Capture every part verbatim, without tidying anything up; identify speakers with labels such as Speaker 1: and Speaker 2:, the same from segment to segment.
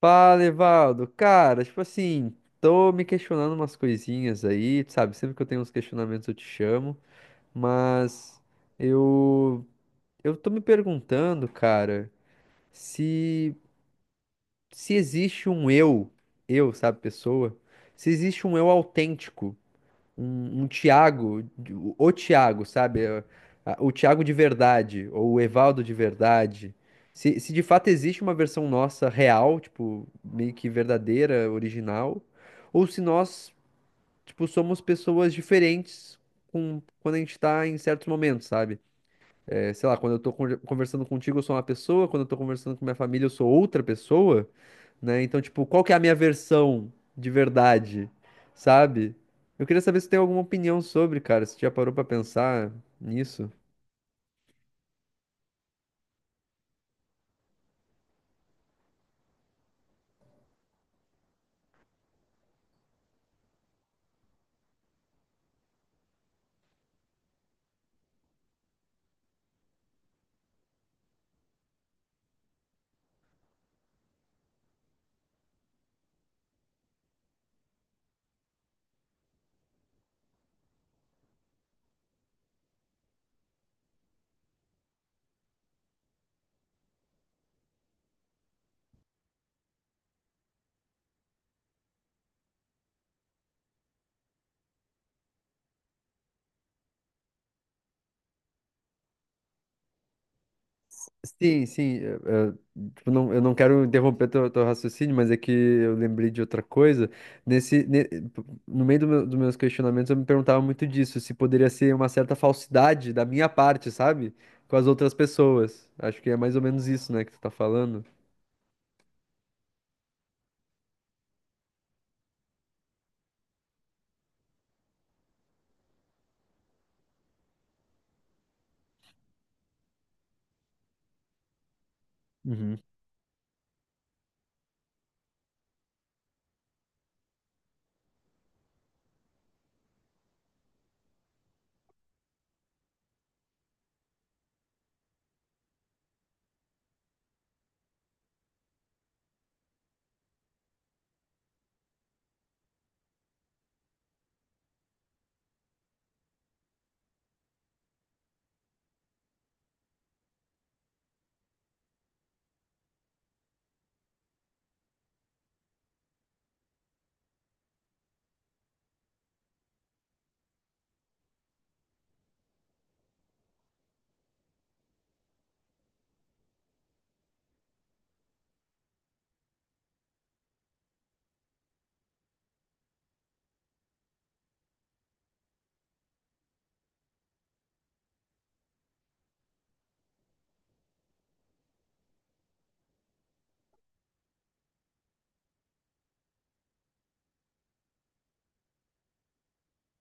Speaker 1: Fala, Evaldo. Cara, tipo assim, tô me questionando umas coisinhas aí, tu sabe? Sempre que eu tenho uns questionamentos eu te chamo, mas eu eu tô me perguntando, cara, se se existe um eu, eu, sabe, pessoa, se existe um eu autêntico um, um Thiago, o Thiago, sabe? É, a- O Thiago de verdade, ou o Evaldo de verdade. Se, se de fato existe uma versão nossa real, tipo, meio que verdadeira, original, ou se nós, tipo, somos pessoas diferentes com, quando a gente tá em certos momentos, sabe? É, sei lá, quando eu tô con- conversando contigo, eu sou uma pessoa, quando eu tô conversando com minha família, eu sou outra pessoa, né? Então, tipo, qual que é a minha versão de verdade, sabe? Eu queria saber se tem alguma opinião sobre, cara, se já parou pra pensar nisso. Sim, sim. Eu, eu, tipo, não, eu não quero interromper teu, teu raciocínio, mas é que eu lembrei de outra coisa. Nesse, ne- tipo, no meio do meu- dos meus questionamentos, eu me perguntava muito disso, se poderia ser uma certa falsidade da minha parte, sabe? Com as outras pessoas. Acho que é mais ou menos isso, né, que tu tá falando. Uhum.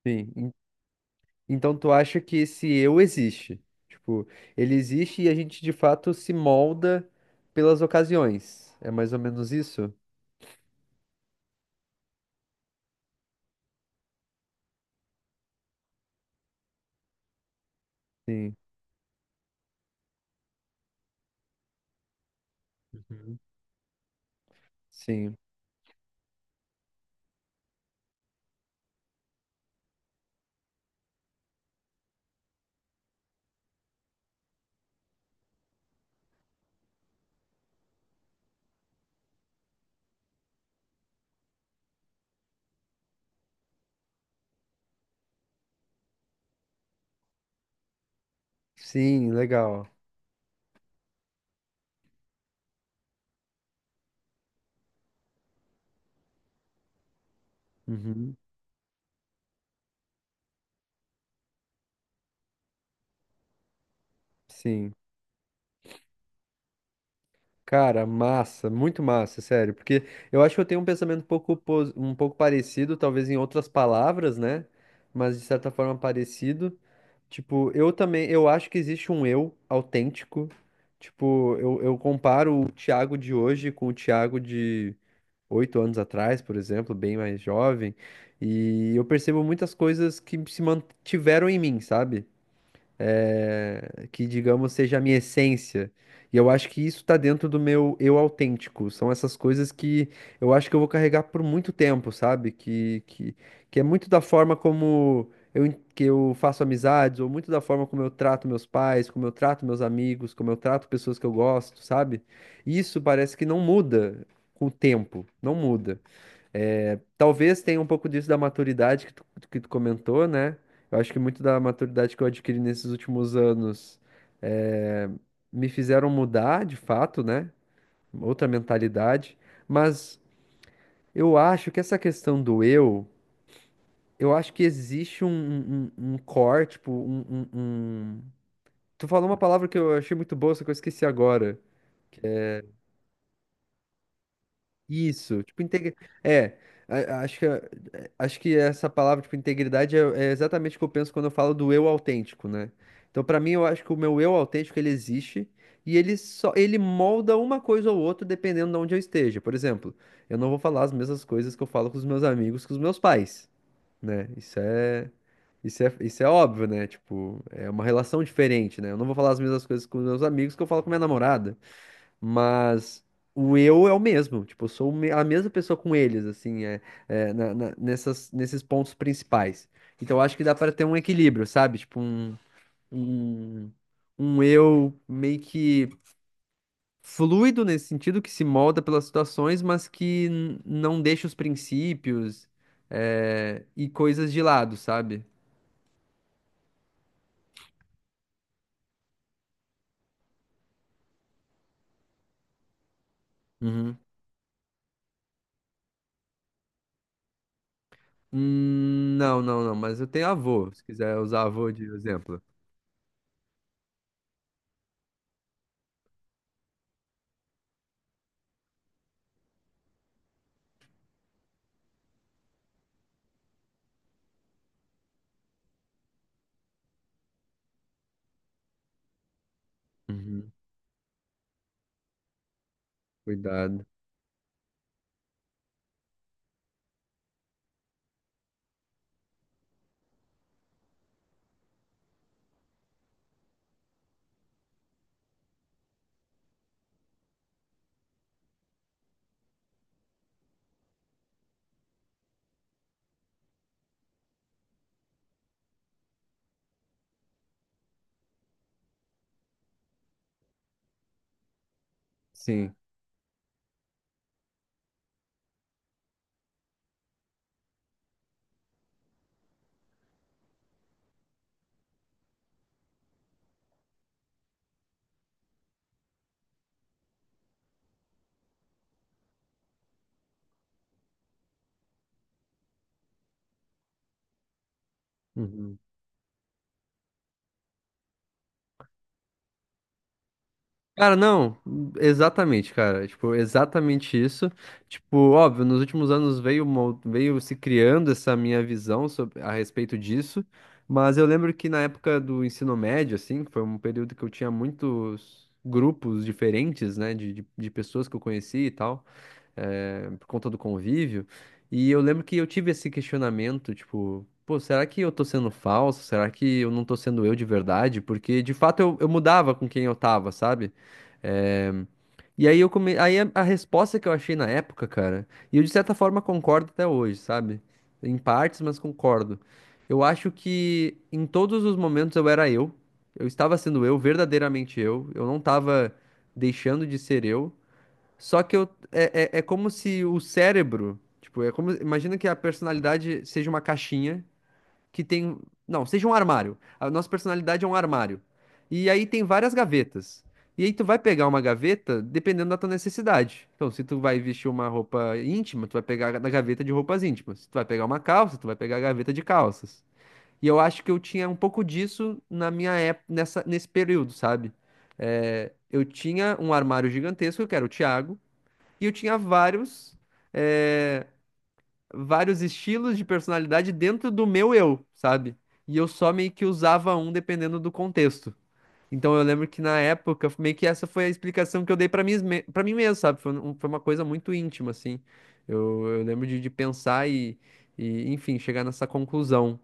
Speaker 1: Sim. En- Então tu acha que esse eu existe? Tipo, ele existe e a gente de fato se molda pelas ocasiões. É mais ou menos isso? Sim. Uhum. Sim. Sim, legal. Uhum, sim. Cara, massa, muito massa, sério. Porque eu acho que eu tenho um pensamento um pouco, pos- um pouco parecido, talvez em outras palavras, né? Mas de certa forma parecido. Tipo, eu também, eu acho que existe um eu autêntico. Tipo, eu, eu comparo o Thiago de hoje com o Thiago de oito anos atrás, por exemplo, bem mais jovem. E eu percebo muitas coisas que se mantiveram em mim, sabe? eh, que, digamos, seja a minha essência. E eu acho que isso tá dentro do meu eu autêntico. São essas coisas que eu acho que eu vou carregar por muito tempo, sabe? Que, que, que é muito da forma como eu, en- que eu faço amizades, ou muito da forma como eu trato meus pais, como eu trato meus amigos, como eu trato pessoas que eu gosto, sabe? Isso parece que não muda com o tempo, não muda. É, talvez tenha um pouco disso da maturidade que tu, que tu comentou, né? Eu acho que muito da maturidade que eu adquiri nesses últimos anos eh, me fizeram mudar, de fato, né? Outra mentalidade. Mas eu acho que essa questão do eu, eu acho que existe um, um, um- um core, tipo, um, um- um- tu falou uma palavra que eu achei muito boa, só que eu esqueci agora. Isso, tipo, integri... é, a- acho que, acho que essa palavra, tipo, integridade é, é exatamente o que eu penso quando eu falo do eu autêntico, né? Então, pra mim, eu acho que o meu eu autêntico, ele existe e ele só, ele molda uma coisa ou outra dependendo de onde eu esteja. Por exemplo, eu não vou falar as mesmas coisas que eu falo com os meus amigos, com os meus pais, né? Isso é, isso é, isso é óbvio, né? Tipo, é uma relação diferente, né? Eu não vou falar as mesmas coisas com os meus amigos que eu falo com minha namorada. Mas o eu é o mesmo. Tipo, eu sou o me- a mesma pessoa com eles, assim, é, é, na- na- nessas, nesses pontos principais. Então, eu acho que dá para ter um equilíbrio, sabe? Tipo, um, um, um eu meio que fluido nesse sentido, que se molda pelas situações, mas que n- não deixa os princípios, é, e coisas de lado, sabe? Uhum. Hum, não, não, não, mas eu tenho avô, se quiser usar avô de exemplo. Uhum. Cuidado. Sim. Uhum. Cara, não, exatamente, cara. Tipo, exatamente isso. Tipo, óbvio, nos últimos anos veio, uma- veio se criando essa minha visão sob- a respeito disso, mas eu lembro que na época do ensino médio, assim, que foi um período que eu tinha muitos grupos diferentes, né, de, de, de pessoas que eu conheci e tal eh, por conta do convívio. E eu lembro que eu tive esse questionamento, tipo, pô, será que eu tô sendo falso? Será que eu não tô sendo eu de verdade? Porque de fato eu, eu mudava com quem eu tava, sabe? Eh, E aí eu come... aí a, a resposta que eu achei na época, cara, e eu de certa forma concordo até hoje, sabe? Em partes, mas concordo. Eu acho que em todos os momentos eu era eu. Eu estava sendo eu, verdadeiramente eu. Eu não estava deixando de ser eu. Só que eu, é, é, é como se o cérebro, tipo, é como, imagina que a personalidade seja uma caixinha que tem, não, seja um armário. A nossa personalidade é um armário. E aí tem várias gavetas. E aí tu vai pegar uma gaveta dependendo da tua necessidade. Então, se tu vai vestir uma roupa íntima, tu vai pegar na gaveta de roupas íntimas. Se tu vai pegar uma calça, tu vai pegar a gaveta de calças. E eu acho que eu tinha um pouco disso na minha época, nessa, nesse período, sabe? É, eu tinha um armário gigantesco, que era o Thiago. E eu tinha vários, eh, vários estilos de personalidade dentro do meu eu, sabe? E eu só meio que usava um dependendo do contexto. Então eu lembro que na época, meio que essa foi a explicação que eu dei pra mim, esme- pra mim mesmo, sabe? Foi, um- um, foi uma coisa muito íntima, assim. Eu, eu lembro de, de pensar e, e, enfim, chegar nessa conclusão.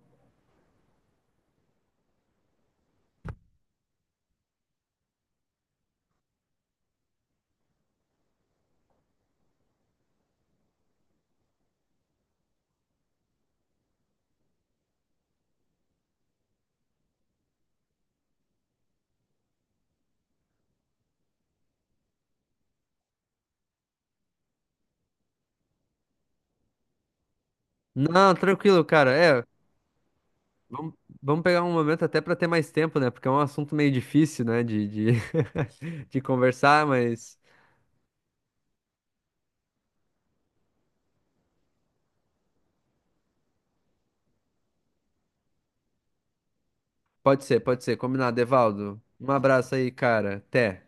Speaker 1: Não, tranquilo, cara. É, vamos, vamos pegar um momento até pra ter mais tempo, né? Porque é um assunto meio difícil, né? De, de, de conversar, mas. Pode ser, pode ser. Combinado, Evaldo. Um abraço aí, cara. Até.